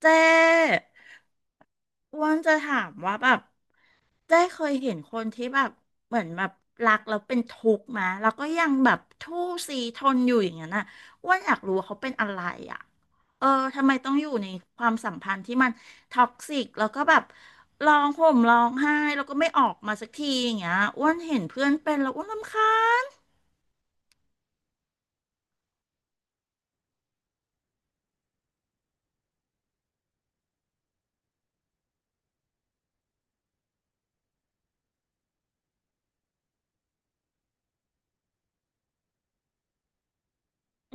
เจ๊อ้วันจะถามว่าแบบเจ๊เคยเห็นคนที่แบบเหมือนแบบรักแล้วเป็นทุกข์มาแล้วก็ยังแบบทู่ซีทนอยู่อย่างนั้นน่ะอ้วันอยากรู้ว่าเขาเป็นอะไรอ่ะเออทำไมต้องอยู่ในความสัมพันธ์ที่มันท็อกซิกแล้วก็แบบร้องห่มร้องไห้แล้วก็ไม่ออกมาสักทีอย่างเงี้ยอ้วนเห็นเพื่อนเป็นแล้วอ้วนรำคาญ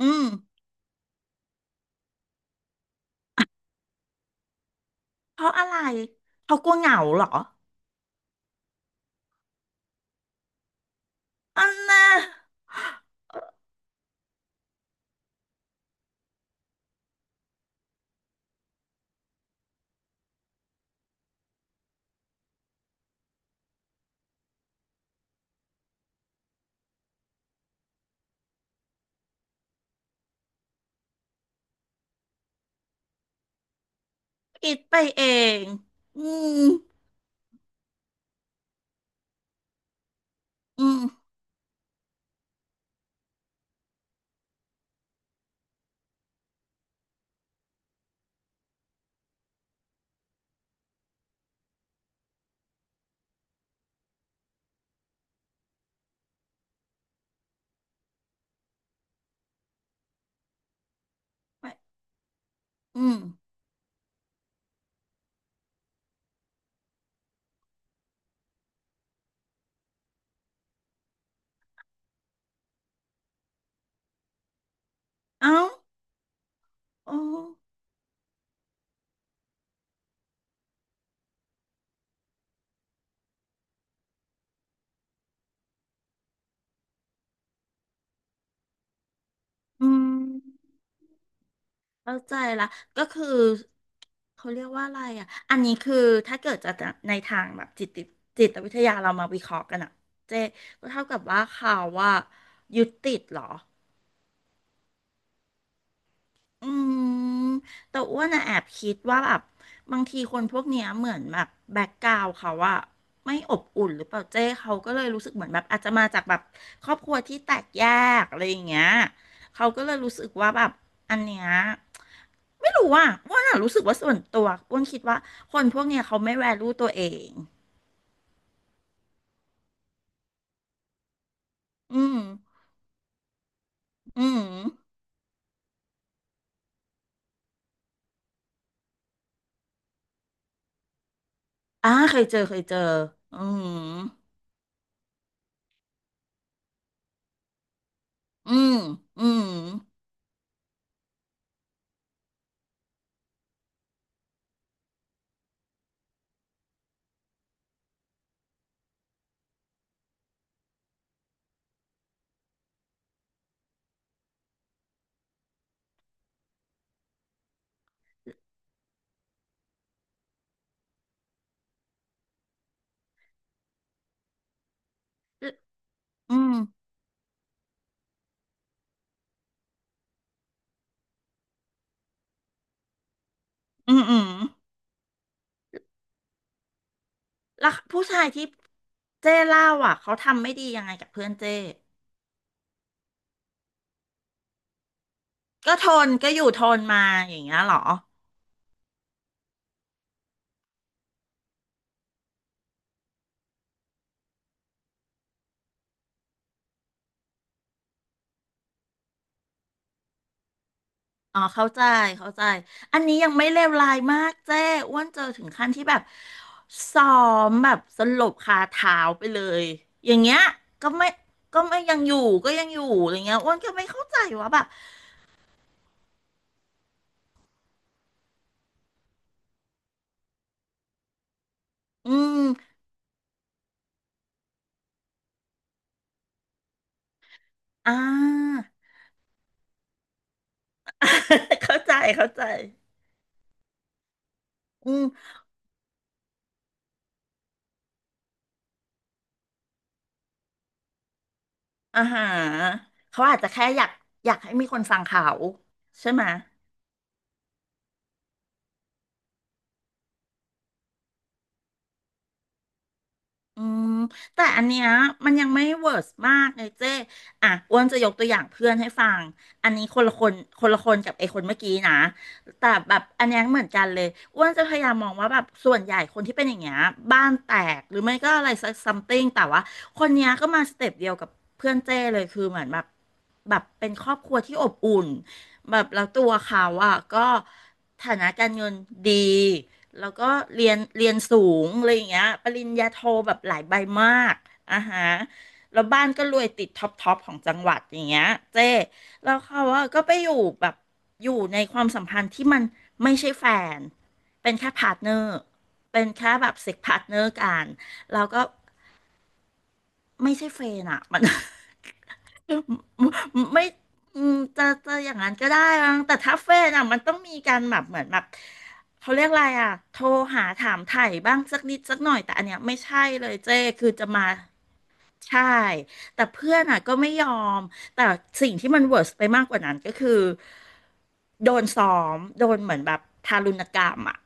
อืมเพราะอะไรเขากลัวเหงาเหรออันน่ะ คิดไปเอง อืมอืมไป อืมเอ้าอ๋ออืมเข้าใจละก็คือเขาเรียกว่าอะไรอ่ะอันนี้คือถ้าเกิดจะในทางแบบจิตวิทยาเรามาวิเคราะห์กันอ่ะเจ๊ก็เท่ากับว่าเขาว่ายึดติดเหรอ อืมแต่อ้วนอะแอบคิดว่าแบบบางทีคนพวกเนี้ยเหมือนแบบแบ็กกราวเขาอะไม่อบอุ่นหรือเปล่าเจ้เขาก็เลยรู้สึกเหมือนแบบอาจจะมาจากแบบครอบครัวที่แตกแยกอะไรอย่างเงี้ยเขาก็เลยรู้สึกว่าแบบอันเนี้ยไม่รู้ว่าอ้วนอะรู้สึกว่าส่วนตัวอ้วนคิดว่าคนพวกเนี้ยเขาไม่แวลูตัวเองอืมอืมอ่าเคยเจออืมอืมอืมอืมอืมอืม แล้วผู้ชายที่เจ้เล่าอ่ะเขาทำไม่ดียังไงกับเพื่อนเจ้ก็ทนก็อยู่ทนมาอย่างเงี้ยเหรออ๋อเข้าใจอันนี้ยังไม่เลวร้ายมากเจ้อ้วนเจอถึงขั้นที่แบบซ้อมแบบสลบคาเท้าไปเลยอย่างเงี้ยก็ไม่ก็ไม่ยังอยู่ก็ยังอยู่อะไรเงี้ยอ้วนก็ไม่เข้าใจว่าแบบอืมอ่า เข้าใจอืม อ่าฮะเขาอาจจะแค่อยากอยากให้มีคนฟังเขาใช่ไหม อืมแต่อันเนี้ยมันยังไม่เวิร์สมากเลยเจ้อ่ะอ้วนจะยกตัวอย่างเพื่อนให้ฟังอันนี้คนละคนคนละคนกับไอ้คนเมื่อกี้นะแต่แบบอันเนี้ยเหมือนกันเลยอ้วนจะพยายามมองว่าแบบส่วนใหญ่คนที่เป็นอย่างเงี้ยบ้านแตกหรือไม่ก็อะไรสักซัมติงแต่ว่าคนเนี้ยก็มาสเต็ปเดียวกับเพื่อนเจ้เลยคือเหมือนแบบแบบเป็นครอบครัวที่อบอุ่นแบบแล้วตัวเขาอ่ะก็ฐานะการเงินดี แล้วก็เรียนสูงอะไรอย่างเงี้ยปริญญาโทแบบหลายใบมากอ่าฮะแล้วบ้านก็รวยติดท็อปของจังหวัดอย่างเงี้ยเจ้แล้วเขาว่าก็ไปอยู่แบบอยู่ในความสัมพันธ์ที่มันไม่ใช่แฟนเป็นแค่พาร์ทเนอร์เป็นแค่แบบเซ็กพาร์ทเนอร์กันแล้วก็ไม่ใช่เฟนอะมัน ไม่อืมจะอย่างนั้นก็ได้มั้งแต่ถ้าเฟนอ่ะมันต้องมีการแบบเหมือนแบบเขาเรียกอะไรอ่ะโทรหาถามไถ่บ้างสักนิดสักหน่อยแต่อันเนี้ยไม่ใช่เลยเจ้คือจะมาใช่แต่เพื่อนอ่ะก็ไม่ยอมแต่สิ่งที่มันเวิร์สไปมากกว่านั้นก็คือโดนซ้อมโดนเหมือนแบบทารุณกรรมอ่ะ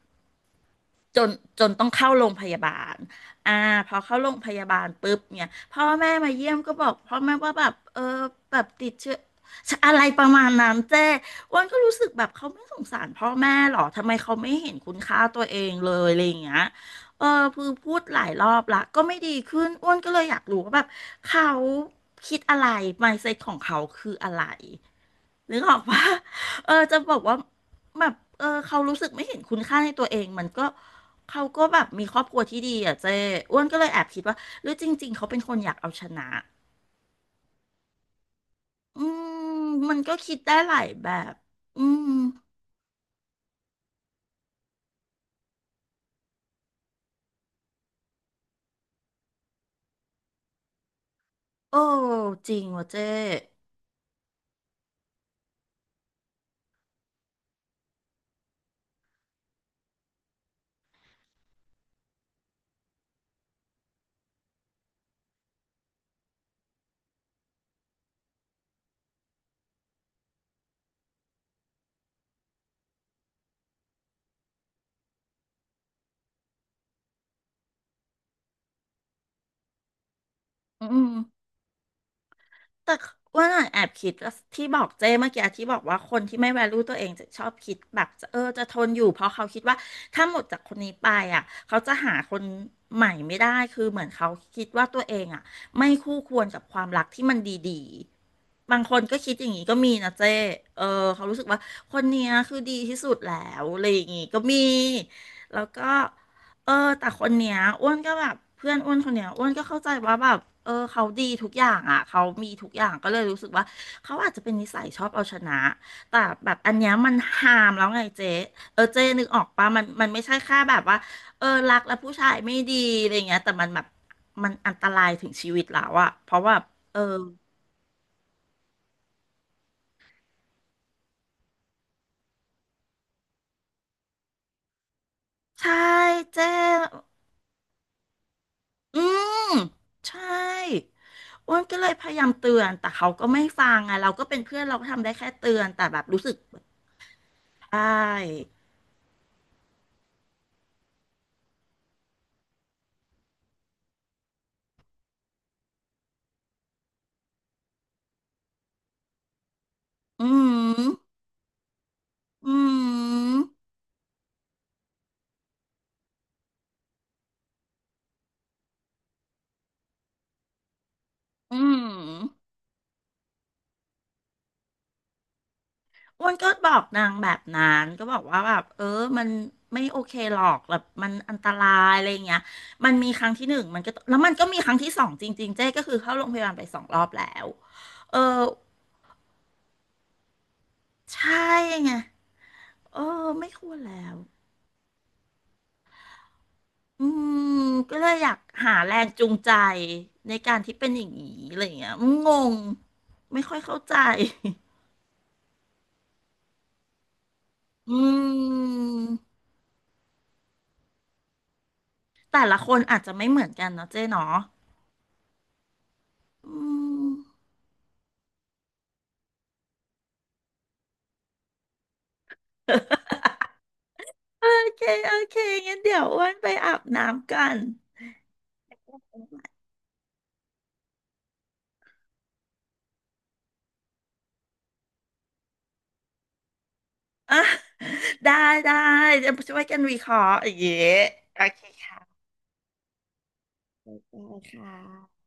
จนจนต้องเข้าโรงพยาบาล อ่าพอเข้าโรงพยาบาลปุ๊บเนี่ยพ่อแม่มาเยี่ยมก็บอกพ่อแม่ว่าแบบเออแบบติดเชื้ออะไรประมาณนั้นเจ้อ้วันก็รู้สึกแบบเขาไม่สงสารพ่อแม่หรอทำไมเขาไม่เห็นคุณค่าตัวเองเลยอะไรอย่างเงี้ยเออคือพูดหลายรอบละก็ไม่ดีขึ้นอ้วนก็เลยอยากรู้ว่าแบบเขาคิดอะไร mindset ของเขาคืออะไร นึกออกปะ เออจะบอกว่าแบบเออเขารู้สึกไม่เห็นคุณค่าในตัวเองมันก็เขาก็แบบมีครอบครัวที่ดีอ่ะเจ้อ้วนก็เลยแอบคิดว่าหรือจริงๆเขาเป็นคนอยากเอาชนะอืมมันก็คิดได้หลายแบบอืมโอ้จริงว่ะเจ้อืม แต่ว่าน่ะแอบคิดว่าที่บอกเจ้เมื่อกี้ที่บอกว่าคนที่ไม่ value ตัวเองจะชอบคิดแบบจะทนอยู่เพราะเขาคิดว่าถ้าหมดจากคนนี้ไปอ่ะเขาจะหาคนใหม่ไม่ได้คือเหมือนเขาคิดว่าตัวเองอ่ะไม่คู่ควรกับความรักที่มันดีๆบางคนก็คิดอย่างนี้ก็มีนะเจ้เออเขารู้สึกว่าคนเนี้ยคือดีที่สุดแล้วอะไรอย่างงี้ก็มีแล้วก็ เออแต่คนเนี้ยอ้วนก็แบบเพื่อนอ้วนคนเนี้ยอ้วนก็เข้าใจว่าแบบเออเขาดีทุกอย่างอ่ะเขามีทุกอย่างก็เลยรู้สึกว่าเขาอาจจะเป็นนิสัยชอบเอาชนะแต่แบบอันเนี้ยมันหามแล้วไงเจ๊เออเจ๊นึกออกปะมันไม่ใช่แค่แบบว่าเออรักแล้วผู้ชายไม่ดีอะไรเงี้ยแต่มันแบบมันอันตรายถึงชีวิตแล้วอ่ะเพราะว่าเออใช่เจ๊อืมใช่ อ้วนก็เลยพยายามเตือนแต่เขาก็ไม่ฟังอ่ะเราก็เป็นเพื่อนเราก็ทำได้แค่เตือนแต่แบบรู้สึกแบบใช่อืมอืม อืมอ้วนก็บอกนางแบบนั้นก็บอกว่าแบบเออมันไม่โอเคหรอกแบบมันอันตรายอะไรอย่างเงี้ยมันมีครั้งที่หนึ่งมันก็แล้วมันก็มีครั้งที่สองจริงๆเจ๊ก็คือเข้าโรงพยาบาลไปสองรอบแล้วเออใช่ไงเออไม่ควรแล้ว อืมก็เลยอยากหาแรงจูงใจในการที่เป็นอย่างนี้อะไรอย่างเงี้ยอืมงง ไม่ค่อยเข้าใจ อืม แต่ละคนอาจจะไม่เหมือนกันเนาะเจ๊เนาะอืม โอเค โอเคงั้นเดี๋ยวอ้วนไปอาบน้ำกันอ่ะ ได้ได้จะช่วยกันวิเคราะห์อย่างเงี้ยโอเคค่ะได้ค่ะ